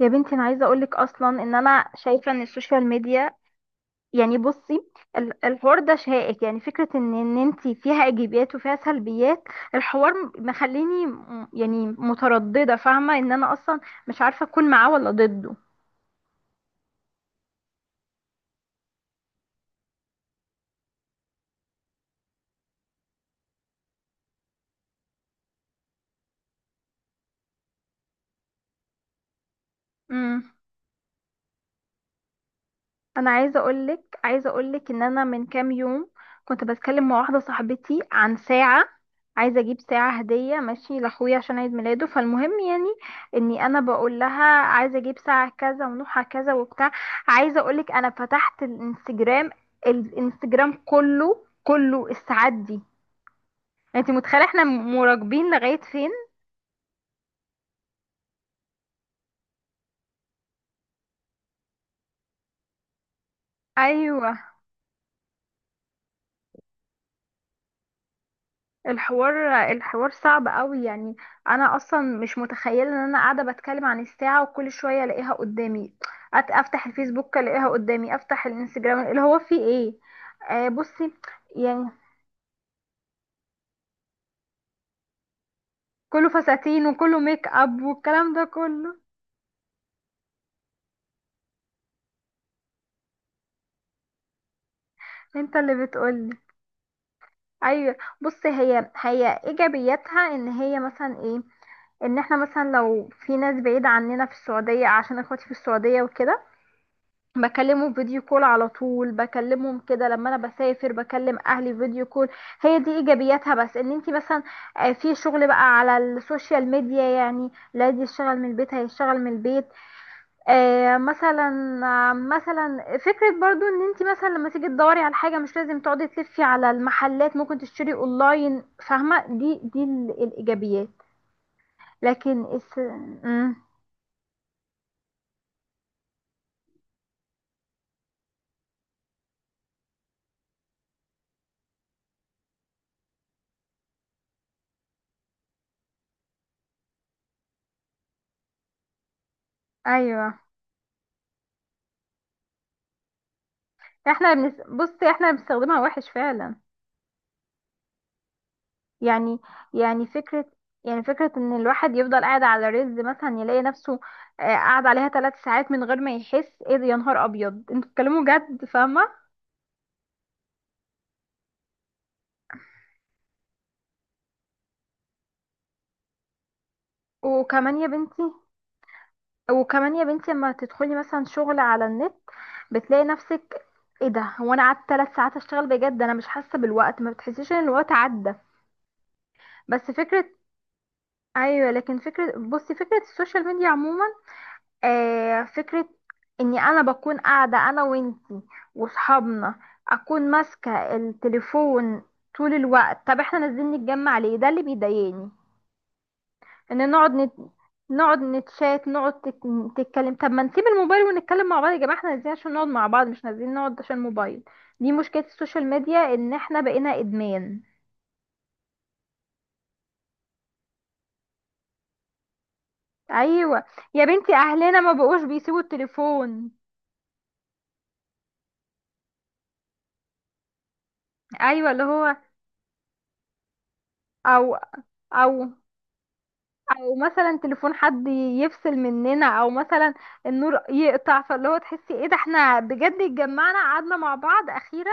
يا بنتي انا عايزه اقولك اصلا ان انا شايفه ان السوشيال ميديا يعني بصي، الحوار ده شائك، يعني فكره ان انت فيها ايجابيات وفيها سلبيات. الحوار مخليني يعني متردده، فاهمه ان انا اصلا مش عارفه اكون معاه ولا ضده. انا عايزه اقولك ان انا من كام يوم كنت بتكلم مع واحده صاحبتي عن ساعه. عايزه اجيب ساعه هديه ماشي لاخويا عشان عيد ميلاده، فالمهم يعني اني انا بقول لها عايزه اجيب ساعه كذا ونوعها كذا وبتاع. عايزه اقولك انا فتحت الانستجرام، الانستجرام كله الساعات دي. انت متخيله احنا مراقبين لغايه فين؟ ايوه، الحوار صعب قوي يعني. انا اصلا مش متخيله ان انا قاعده بتكلم عن الساعه وكل شويه الاقيها قدامي. افتح الفيسبوك الاقيها قدامي، افتح الانستجرام اللي هو فيه ايه. آه بصي، يعني كله فساتين وكله ميك اب والكلام ده كله. انت اللي بتقولي. ايوه بصي، هي ايجابياتها ان هي مثلا ايه، ان احنا مثلا لو في ناس بعيده عننا في السعوديه، عشان اخواتي في السعوديه وكده، بكلمه فيديو كول على طول، بكلمهم كده لما انا بسافر بكلم اهلي فيديو كول. هي دي ايجابياتها. بس ان انت مثلا في شغل بقى على السوشيال ميديا، يعني لا دي يشتغل من البيت، هيشتغل من البيت. مثلا. مثلا فكرة برضو ان انت مثلا لما تيجي تدوري على حاجة مش لازم تقعدي تلفي على المحلات، ممكن تشتري اونلاين، فاهمة، دي الايجابيات. لكن الس... مم. ايوه، بصي احنا بنستخدمها وحش فعلا. يعني يعني فكرة يعني فكرة ان الواحد يفضل قاعد على رز مثلا، يلاقي نفسه قاعد عليها 3 ساعات من غير ما يحس، ايه ده يا نهار ابيض انتوا بتتكلموا جد، فاهمة. وكمان يا بنتي وكمان يا بنتي لما تدخلي مثلا شغل على النت بتلاقي نفسك، ايه ده هو انا قعدت 3 ساعات اشتغل بجد انا مش حاسة بالوقت، ما بتحسيش ان الوقت عدى. بس فكرة ايوه لكن فكرة، بصي فكرة السوشيال ميديا عموما، آه، فكرة اني انا بكون قاعدة انا وانتي وصحابنا، اكون ماسكة التليفون طول الوقت، طب احنا نازلين نتجمع ليه؟ ده اللي بيضايقني، ان نقعد نقعد نتشات، تتكلم، طب ما نسيب الموبايل ونتكلم مع بعض يا جماعة، احنا نازلين عشان نقعد مع بعض مش نازلين نقعد عشان الموبايل. دي مشكلة السوشيال ميديا، ان احنا بقينا ادمان. ايوه يا بنتي اهلنا ما بقوش بيسيبوا التليفون. ايوه اللي هو، او او ومثلا تليفون حد يفصل مننا، او مثلا النور يقطع، فاللي هو تحسي ايه ده احنا بجد اتجمعنا قعدنا مع بعض اخيرا.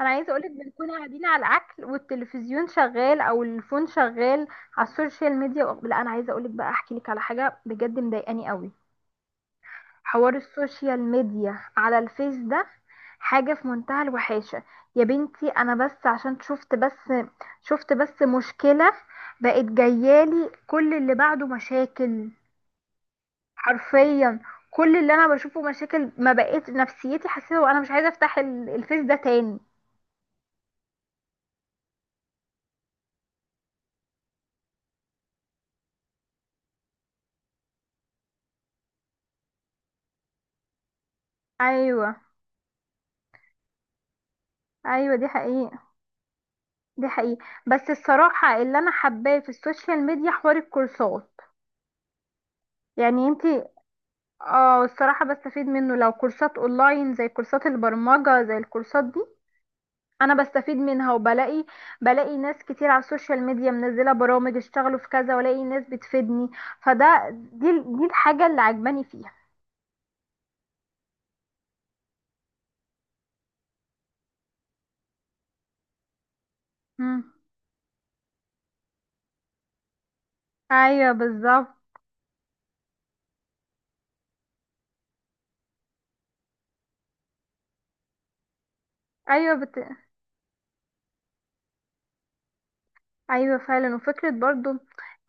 انا عايزه اقولك بنكون قاعدين على الاكل والتلفزيون شغال، او الفون شغال على السوشيال ميديا. لا انا عايزه اقولك بقى احكي لك على حاجه بجد مضايقاني قوي، حوار السوشيال ميديا على الفيس ده، حاجه في منتهى الوحاشه. يا بنتي انا بس عشان شفت مشكله، بقت جايالي كل اللي بعده مشاكل، حرفيا. كل اللي انا بشوفه مشاكل، ما بقيت نفسيتي، حسيت وانا مش عايزه افتح الفيس ده تاني. ايوه ايوه دي حقيقه. دي حقيقه بس الصراحه اللي انا حباه في السوشيال ميديا حوار الكورسات. يعني انتي، اه الصراحه بستفيد منه، لو كورسات اونلاين زي كورسات البرمجه زي الكورسات دي انا بستفيد منها، وبلاقي ناس كتير على السوشيال ميديا منزله برامج اشتغلوا في كذا، والاقي ناس بتفيدني، فده دي دي الحاجه اللي عجباني فيها. مم. ايوه بالظبط. ايوه بت... ايوه فعلا، وفكره برضو،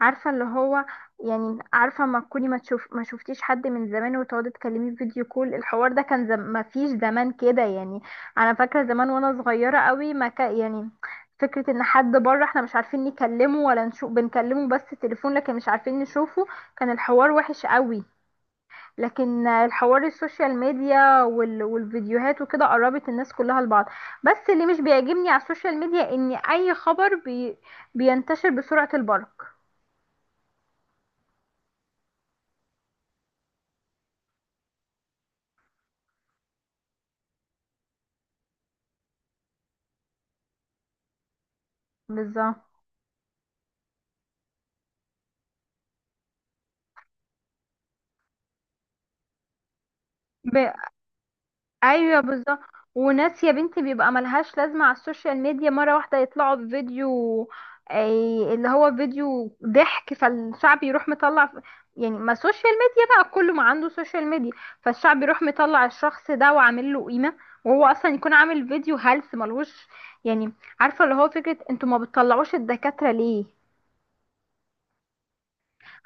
عارفه اللي هو، يعني عارفه ما تكوني ما تشوف ما شفتيش حد من زمان وتقعدي تكلميه في فيديو كول، الحوار ده كان ما فيش زمان كده يعني. انا فاكره زمان وانا صغيره قوي، ما ك... يعني فكره ان حد بره احنا مش عارفين نكلمه ولا نشوف، بنكلمه بس تليفون لكن مش عارفين نشوفه، كان الحوار وحش قوي. لكن الحوار السوشيال ميديا والفيديوهات وكده قربت الناس كلها لبعض. بس اللي مش بيعجبني على السوشيال ميديا ان اي خبر بينتشر بسرعة البرق. بالظبط. ب- ايوه بالظبط، وناس يا بنتي بيبقى ملهاش لازمه على السوشيال ميديا، مره واحده يطلعوا بفيديو، أي اللي هو فيديو ضحك، فالشعب يروح مطلع ف- يعني ما سوشيال ميديا بقى كله ما عنده سوشيال ميديا، فالشعب يروح مطلع الشخص ده وعامل له قيمه، وهو اصلا يكون عامل فيديو هلس ملهوش يعني. عارفه اللي هو فكره انتوا ما بتطلعوش الدكاتره ليه؟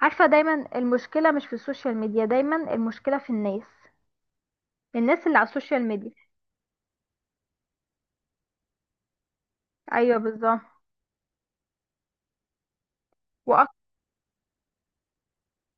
عارفه دايما المشكله مش في السوشيال ميديا، دايما المشكله في الناس، الناس اللي على السوشيال ميديا. ايوه بالظبط.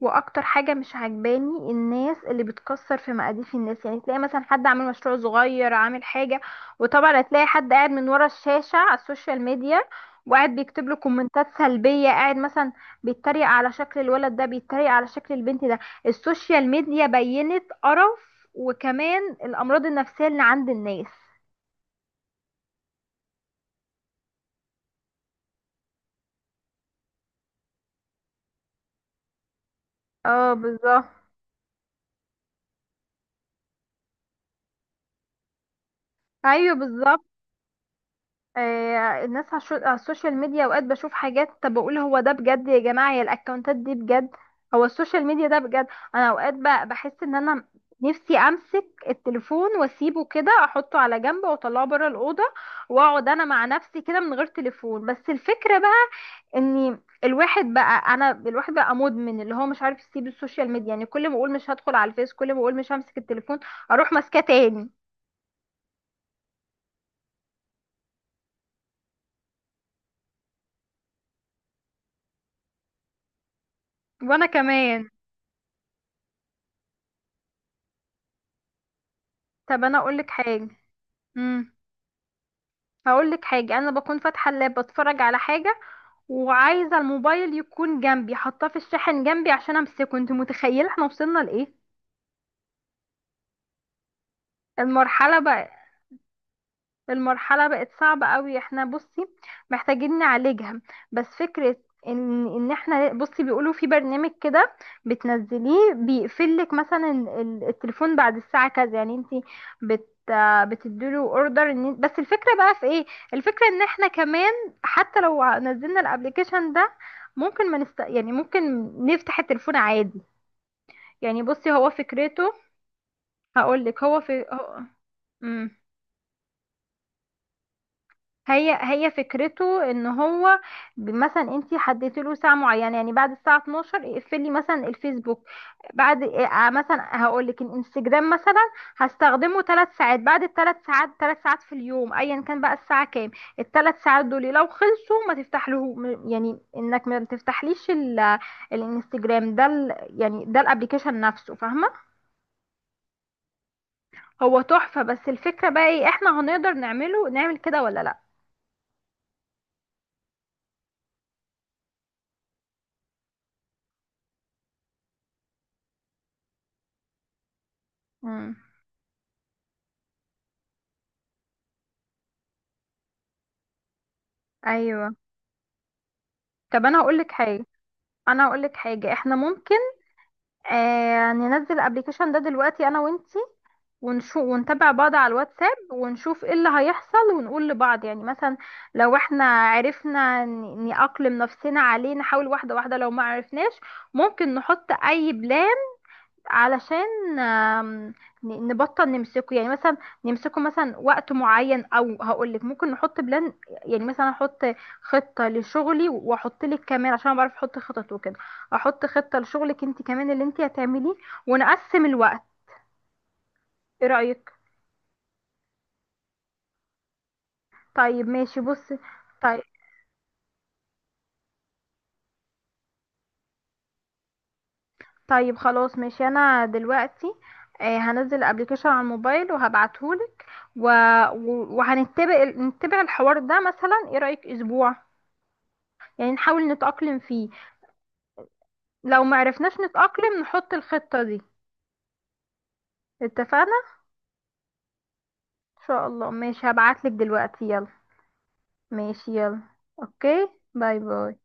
واكتر حاجه مش عجباني الناس اللي بتكسر في مقاديف الناس، يعني تلاقي مثلا حد عامل مشروع صغير عامل حاجه، وطبعا هتلاقي حد قاعد من ورا الشاشه على السوشيال ميديا، وقاعد بيكتب له كومنتات سلبيه، قاعد مثلا بيتريق على شكل الولد ده، بيتريق على شكل البنت ده. السوشيال ميديا بينت قرف، وكمان الامراض النفسيه اللي عند الناس. اه بالظبط. ايوه بالظبط. الناس على على السوشيال ميديا اوقات بشوف حاجات، طب بقول هو ده بجد يا جماعة، يا الاكونتات دي بجد، هو السوشيال ميديا ده بجد؟ انا اوقات بحس ان انا نفسي امسك التليفون واسيبه كده، احطه على جنب واطلعه بره الاوضه، واقعد انا مع نفسي كده من غير تليفون، بس الفكره بقى ان الواحد بقى مدمن، اللي هو مش عارف يسيب السوشيال ميديا، يعني كل ما اقول مش هدخل على الفيس، كل ما اقول مش همسك التليفون، اروح ماسكاه تاني. وانا كمان طب انا اقول لك حاجه. مم. هقول لك حاجه، انا بكون فاتحه اللاب بتفرج على حاجه وعايزه الموبايل يكون جنبي حاطاه في الشاحن جنبي عشان امسكه، انت متخيله احنا وصلنا لايه؟ المرحله بقى المرحلة بقت صعبة قوي، احنا بصي محتاجين نعالجها. بس فكرة ان احنا بصي بيقولوا في برنامج كده، بتنزليه بيقفلك مثلا التليفون بعد الساعة كذا، يعني انتي بت بتديله اوردر. ان بس الفكرة بقى في ايه، الفكرة ان احنا كمان حتى لو نزلنا الابليكيشن ده ممكن ما نست... يعني ممكن نفتح التليفون عادي، يعني بصي هو فكرته، هقولك هو في هو... هي فكرته ان هو مثلا انت حددت له ساعه معينه، يعني بعد الساعه 12 اقفلي مثلا الفيسبوك، بعد مثلا هقول لك الانستجرام مثلا، هستخدمه 3 ساعات، بعد الـ3 ساعات، 3 ساعات في اليوم ايا كان بقى الساعه كام، الـ3 ساعات دول لو خلصوا ما تفتح له يعني انك ما تفتحليش الانستجرام ده يعني ده الابليكيشن نفسه فاهمه. هو تحفه بس الفكره بقى ايه، احنا هنقدر نعمل كده ولا لا؟ امم ايوه. طب انا هقول لك حاجه، انا هقول لك حاجه، احنا ممكن آه ننزل الابليكيشن ده دلوقتي انا وانتي ونشوف، ونتابع بعض على الواتساب ونشوف ايه اللي هيحصل، ونقول لبعض يعني مثلا لو احنا عرفنا نأقلم نفسنا عليه، نحاول واحده واحده، لو ما عرفناش ممكن نحط اي بلان علشان نبطل نمسكه، يعني مثلا نمسكه مثلا وقت معين، او هقولك ممكن نحط بلان، يعني مثلا احط خطة لشغلي، واحط لك كمان عشان أنا بعرف احط خطط وكده، احط خطة لشغلك انت كمان اللي انت هتعمليه، ونقسم الوقت، ايه رأيك؟ طيب ماشي بصي. طيب طيب خلاص ماشي، انا دلوقتي هنزل ابلكيشن على الموبايل وهبعتهولك، و... و- وهنتبع نتبع الحوار ده، مثلا ايه رأيك اسبوع، يعني نحاول نتأقلم فيه، لو معرفناش نتأقلم نحط الخطة دي، اتفقنا. ان شاء الله ماشي هبعتلك دلوقتي يلا. ماشي يلا، اوكي، باي باي.